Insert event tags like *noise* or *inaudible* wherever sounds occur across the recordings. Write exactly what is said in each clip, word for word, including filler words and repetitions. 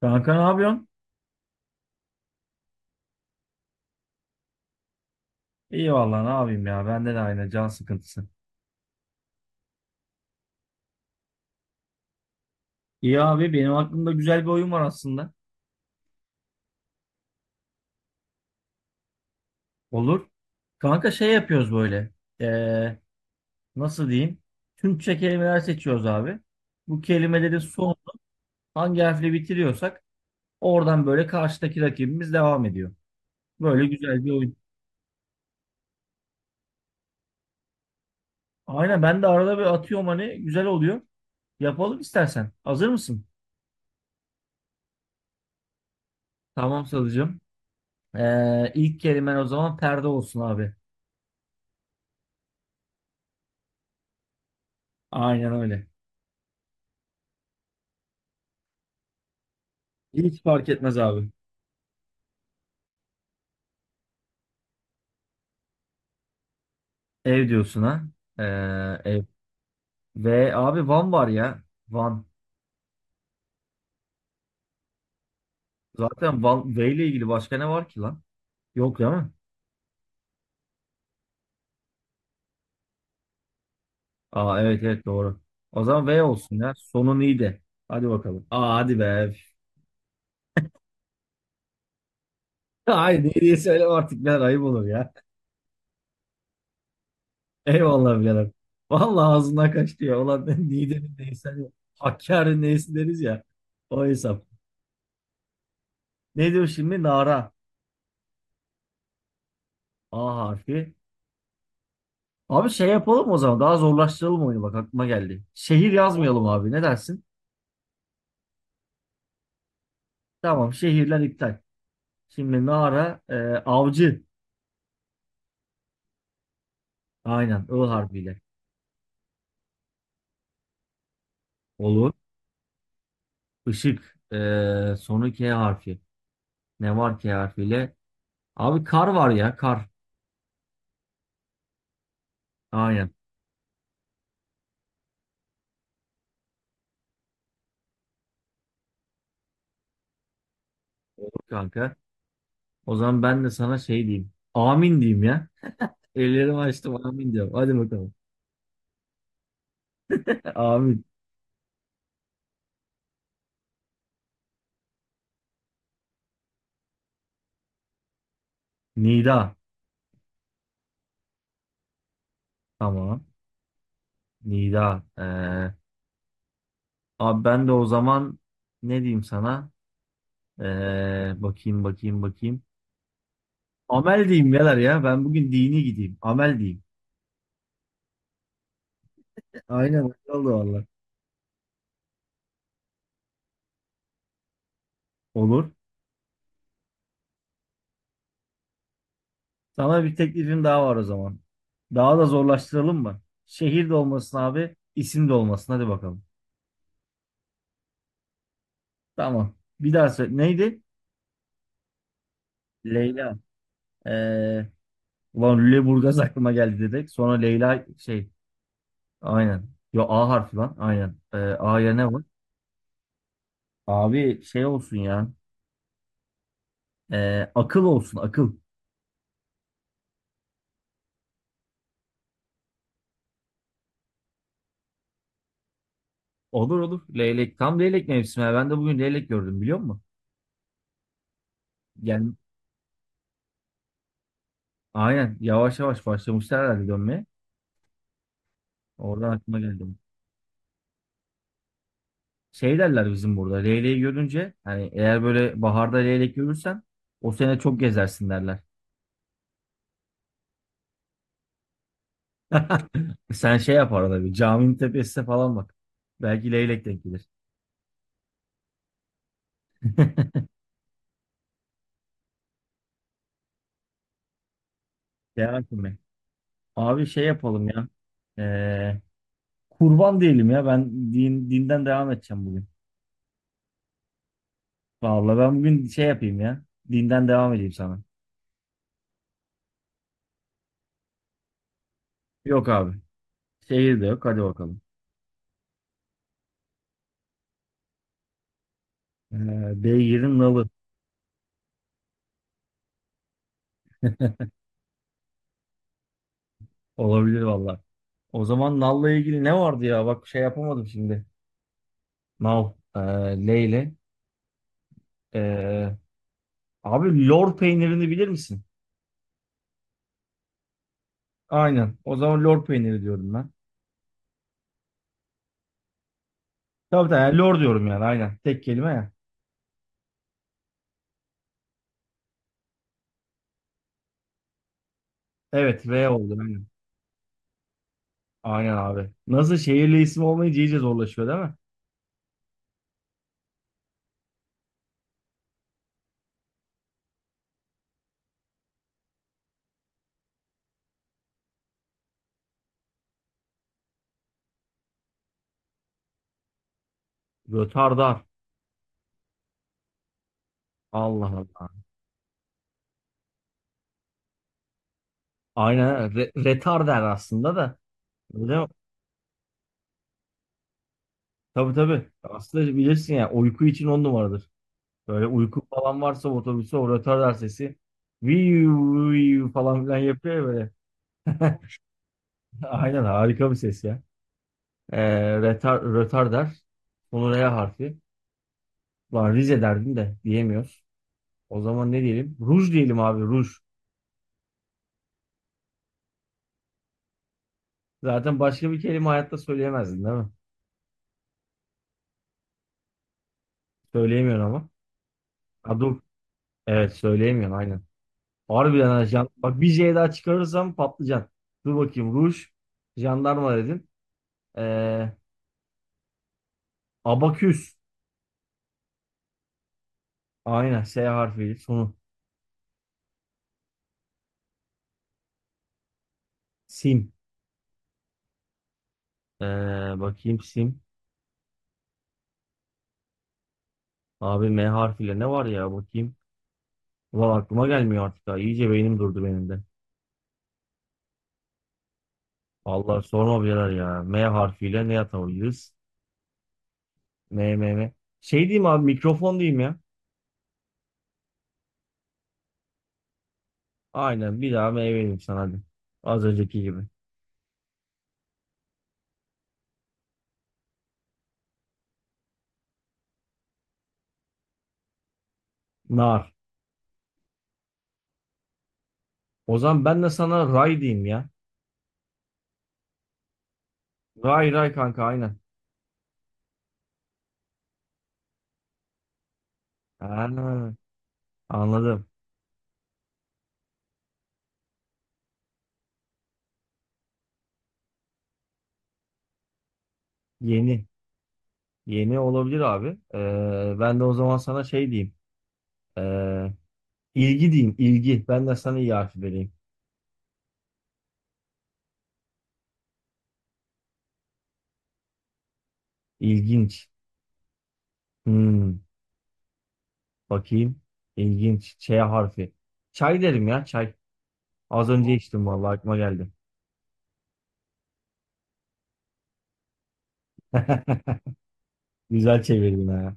Kanka ne yapıyorsun? İyi vallahi ne yapayım ya. Bende de aynı can sıkıntısı. İyi abi benim aklımda güzel bir oyun var aslında. Olur. Kanka şey yapıyoruz böyle. Ee, Nasıl diyeyim? Türkçe kelimeler seçiyoruz abi. Bu kelimelerin son hangi harfle bitiriyorsak oradan böyle karşıdaki rakibimiz devam ediyor. Böyle güzel bir oyun. Aynen ben de arada bir atıyorum hani güzel oluyor. Yapalım istersen. Hazır mısın? Tamam Salıcığım. Ee, ilk kelimen o zaman perde olsun abi. Aynen öyle. Hiç fark etmez abi. Ev diyorsun ha. Ee, ev. Ve abi Van var ya. Van. Zaten Van V ile ilgili başka ne var ki lan? Yok değil mi? Aa evet evet doğru. O zaman V olsun ya. Sonun iyi de. Hadi bakalım. Aa hadi be. *laughs* Hayır iyi diye söyle artık ben ayıp olur ya. *laughs* Eyvallah birader. Vallahi ağzından kaçtı ya. Ulan *laughs* Niğde'nin neyse, hani Hakkari'nin neyse deriz ya. O hesap. Ne diyor şimdi? Nara. A harfi. Abi şey yapalım o zaman. Daha zorlaştıralım oyunu bak aklıma geldi. Şehir yazmayalım abi. Ne dersin? Tamam şehirler iptal. Şimdi Nara e, avcı. Aynen I harfiyle. Olur. Işık. E, sonu K harfi. Ne var K harfiyle? Abi kar var ya kar. Aynen. Olur kanka. O zaman ben de sana şey diyeyim. Amin diyeyim ya. Ellerimi açtım amin diyorum. Hadi bakalım. *laughs* Amin. Nida. Tamam. Nida. E, abi ben de o zaman ne diyeyim sana? Ee, bakayım bakayım bakayım. Amel diyeyim neler ya. Ben bugün dini gideyim. Amel diyeyim. Aynen öyle oldu valla. Olur. Sana bir teklifim daha var o zaman. Daha da zorlaştıralım mı? Şehir de olmasın abi, isim de olmasın. Hadi bakalım. Tamam. Bir daha söyle. Neydi? Leyla. Ee, Ulan Lüleburgaz aklıma geldi dedik. Sonra Leyla şey. Aynen. Yo A harfi lan. Aynen. Ee, A'ya ne var? Abi şey olsun ya. Ee, akıl olsun akıl. Olur olur. Leylek. Tam leylek mevsimi. Ben de bugün leylek gördüm biliyor musun? Yani aynen. Yavaş yavaş başlamışlar herhalde dönmeye. Oradan aklıma geldi. Şey derler bizim burada. Leyleği görünce hani eğer böyle baharda leylek görürsen o sene çok gezersin derler. *laughs* Sen şey yap arada bir caminin tepesine falan bak. Belki leylek denk gelir. *laughs* Devam mi? Abi şey yapalım ya. Ee, Kurban diyelim ya. Ben din, dinden devam edeceğim bugün. Vallahi ben bugün şey yapayım ya. Dinden devam edeyim sana. Yok abi. Şehir de yok. Hadi bakalım. Ee, Beygir'in nalı. Olabilir valla. O zaman nalla ilgili ne vardı ya? Bak şey yapamadım şimdi. Nal. Ee, Leyle. Ee, Abi lor peynirini bilir misin? Aynen. O zaman lor peyniri diyorum ben. Tabii tabii. Yani lor diyorum yani. Aynen. Tek kelime ya. Evet. V oldu. Aynen. Aynen abi. Nasıl şehirli isim olmayınca iyice zorlaşıyor değil mi? Rötardar. Allah Allah. Aynen. Re retar aslında da. Öyle. Tabii tabii. Aslında bilirsin ya uyku için on numaradır. Böyle uyku falan varsa otobüse o rötardar sesi viu viu falan filan yapıyor ya böyle. *laughs* Aynen harika bir ses ya. Ee, retar, rötardar. Sonu R harfi. Ulan Rize derdin de diyemiyoruz. O zaman ne diyelim? Ruj diyelim abi ruj. Zaten başka bir kelime hayatta söyleyemezdin değil mi? Söyleyemiyorsun ama. Ha dur. Evet söyleyemiyorsun aynen. Harbiden ha, jan- Bak bir J daha çıkarırsam patlıcan. Dur bakayım ruj. Jandarma dedin. Ee, Abaküs. Aynen S harfiyle sonu. Sim. Ee, Bakayım sim. Abi M harfiyle ne var ya bakayım. Ulan aklıma gelmiyor artık ha. İyice beynim durdu benim de. Allah sorma birader ya. M harfiyle ne yapabiliriz? M M M. Şey diyeyim abi mikrofon diyeyim ya. Aynen bir daha M vereyim sana hadi. Az önceki gibi. Nar. O zaman ben de sana ray diyeyim ya. Ray ray kanka aynen. Ha, anladım. Yeni. Yeni olabilir abi. Ee, ben de o zaman sana şey diyeyim. Ee, ilgi diyeyim. İlgi. Ben de sana iyi harfi vereyim. İlginç. Hmm, Bakayım. İlginç. Ç harfi. Çay derim ya çay. Az önce içtim vallahi aklıma geldi. *laughs* Güzel çevirdin ha.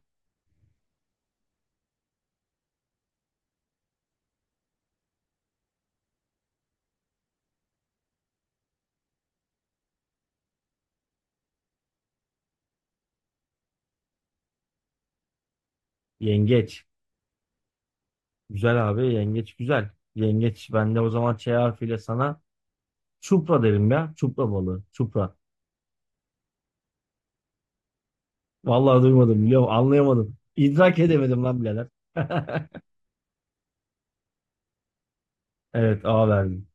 Yengeç. Güzel abi. Yengeç güzel. Yengeç. Ben de o zaman Ç harfiyle sana çupra derim ya. Çupra balığı. Çupra. Vallahi duymadım biliyor musun? Anlayamadım. İdrak edemedim lan birader. *laughs* Evet A verdim.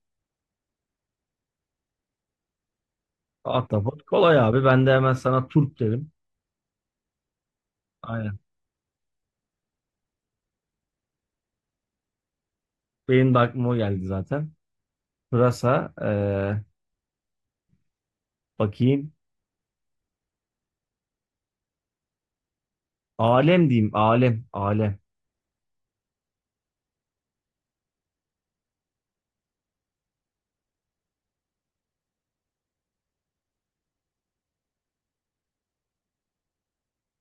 Ahtapot kolay abi. Ben de hemen sana turp derim. Aynen. Benim de aklıma o geldi zaten. Pırasa. Eee, bakayım. Alem diyeyim. Alem. Alem.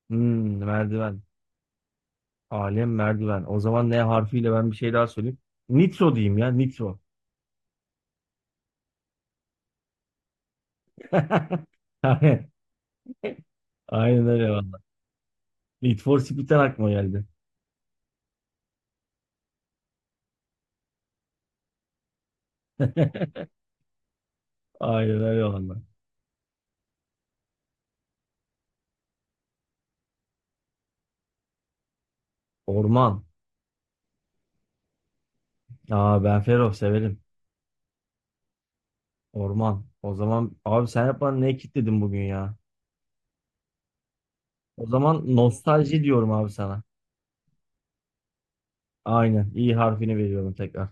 Hmm, merdiven. Alem merdiven. O zaman ne harfiyle ben bir şey daha söyleyeyim. Nitro diyeyim ya. Nitro. *laughs* Aynen. Aynen öyle valla. Need for Speed'den aklıma geldi. *laughs* Aynen öyle valla. Orman. Aa ben Fero severim. Orman. O zaman abi sen hep bana ne kitledin bugün ya? O zaman nostalji diyorum abi sana. Aynen. İ harfini veriyorum tekrar.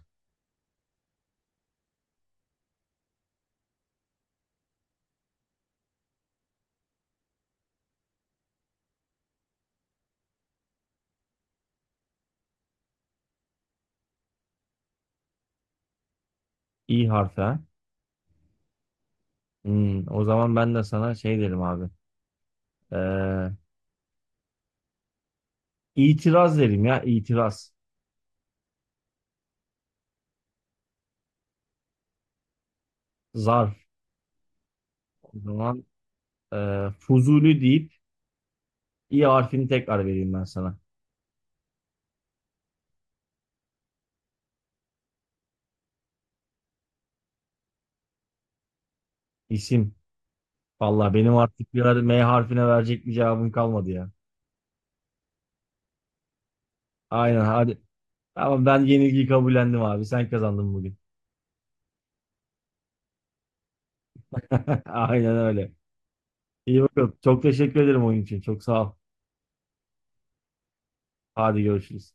İ harfi. Ha. Hmm, o zaman ben de sana şey derim abi. Ee, itiraz derim ya. İtiraz. Zarf. O zaman e, Fuzuli deyip İ harfini tekrar vereyim ben sana. İsim. Vallahi benim artık bir ara M harfine verecek bir cevabım kalmadı ya. Aynen hadi. Tamam ben yenilgiyi kabullendim abi. Sen kazandın bugün. *laughs* Aynen öyle. İyi bakalım. Çok teşekkür ederim oyun için. Çok sağ ol. Hadi görüşürüz.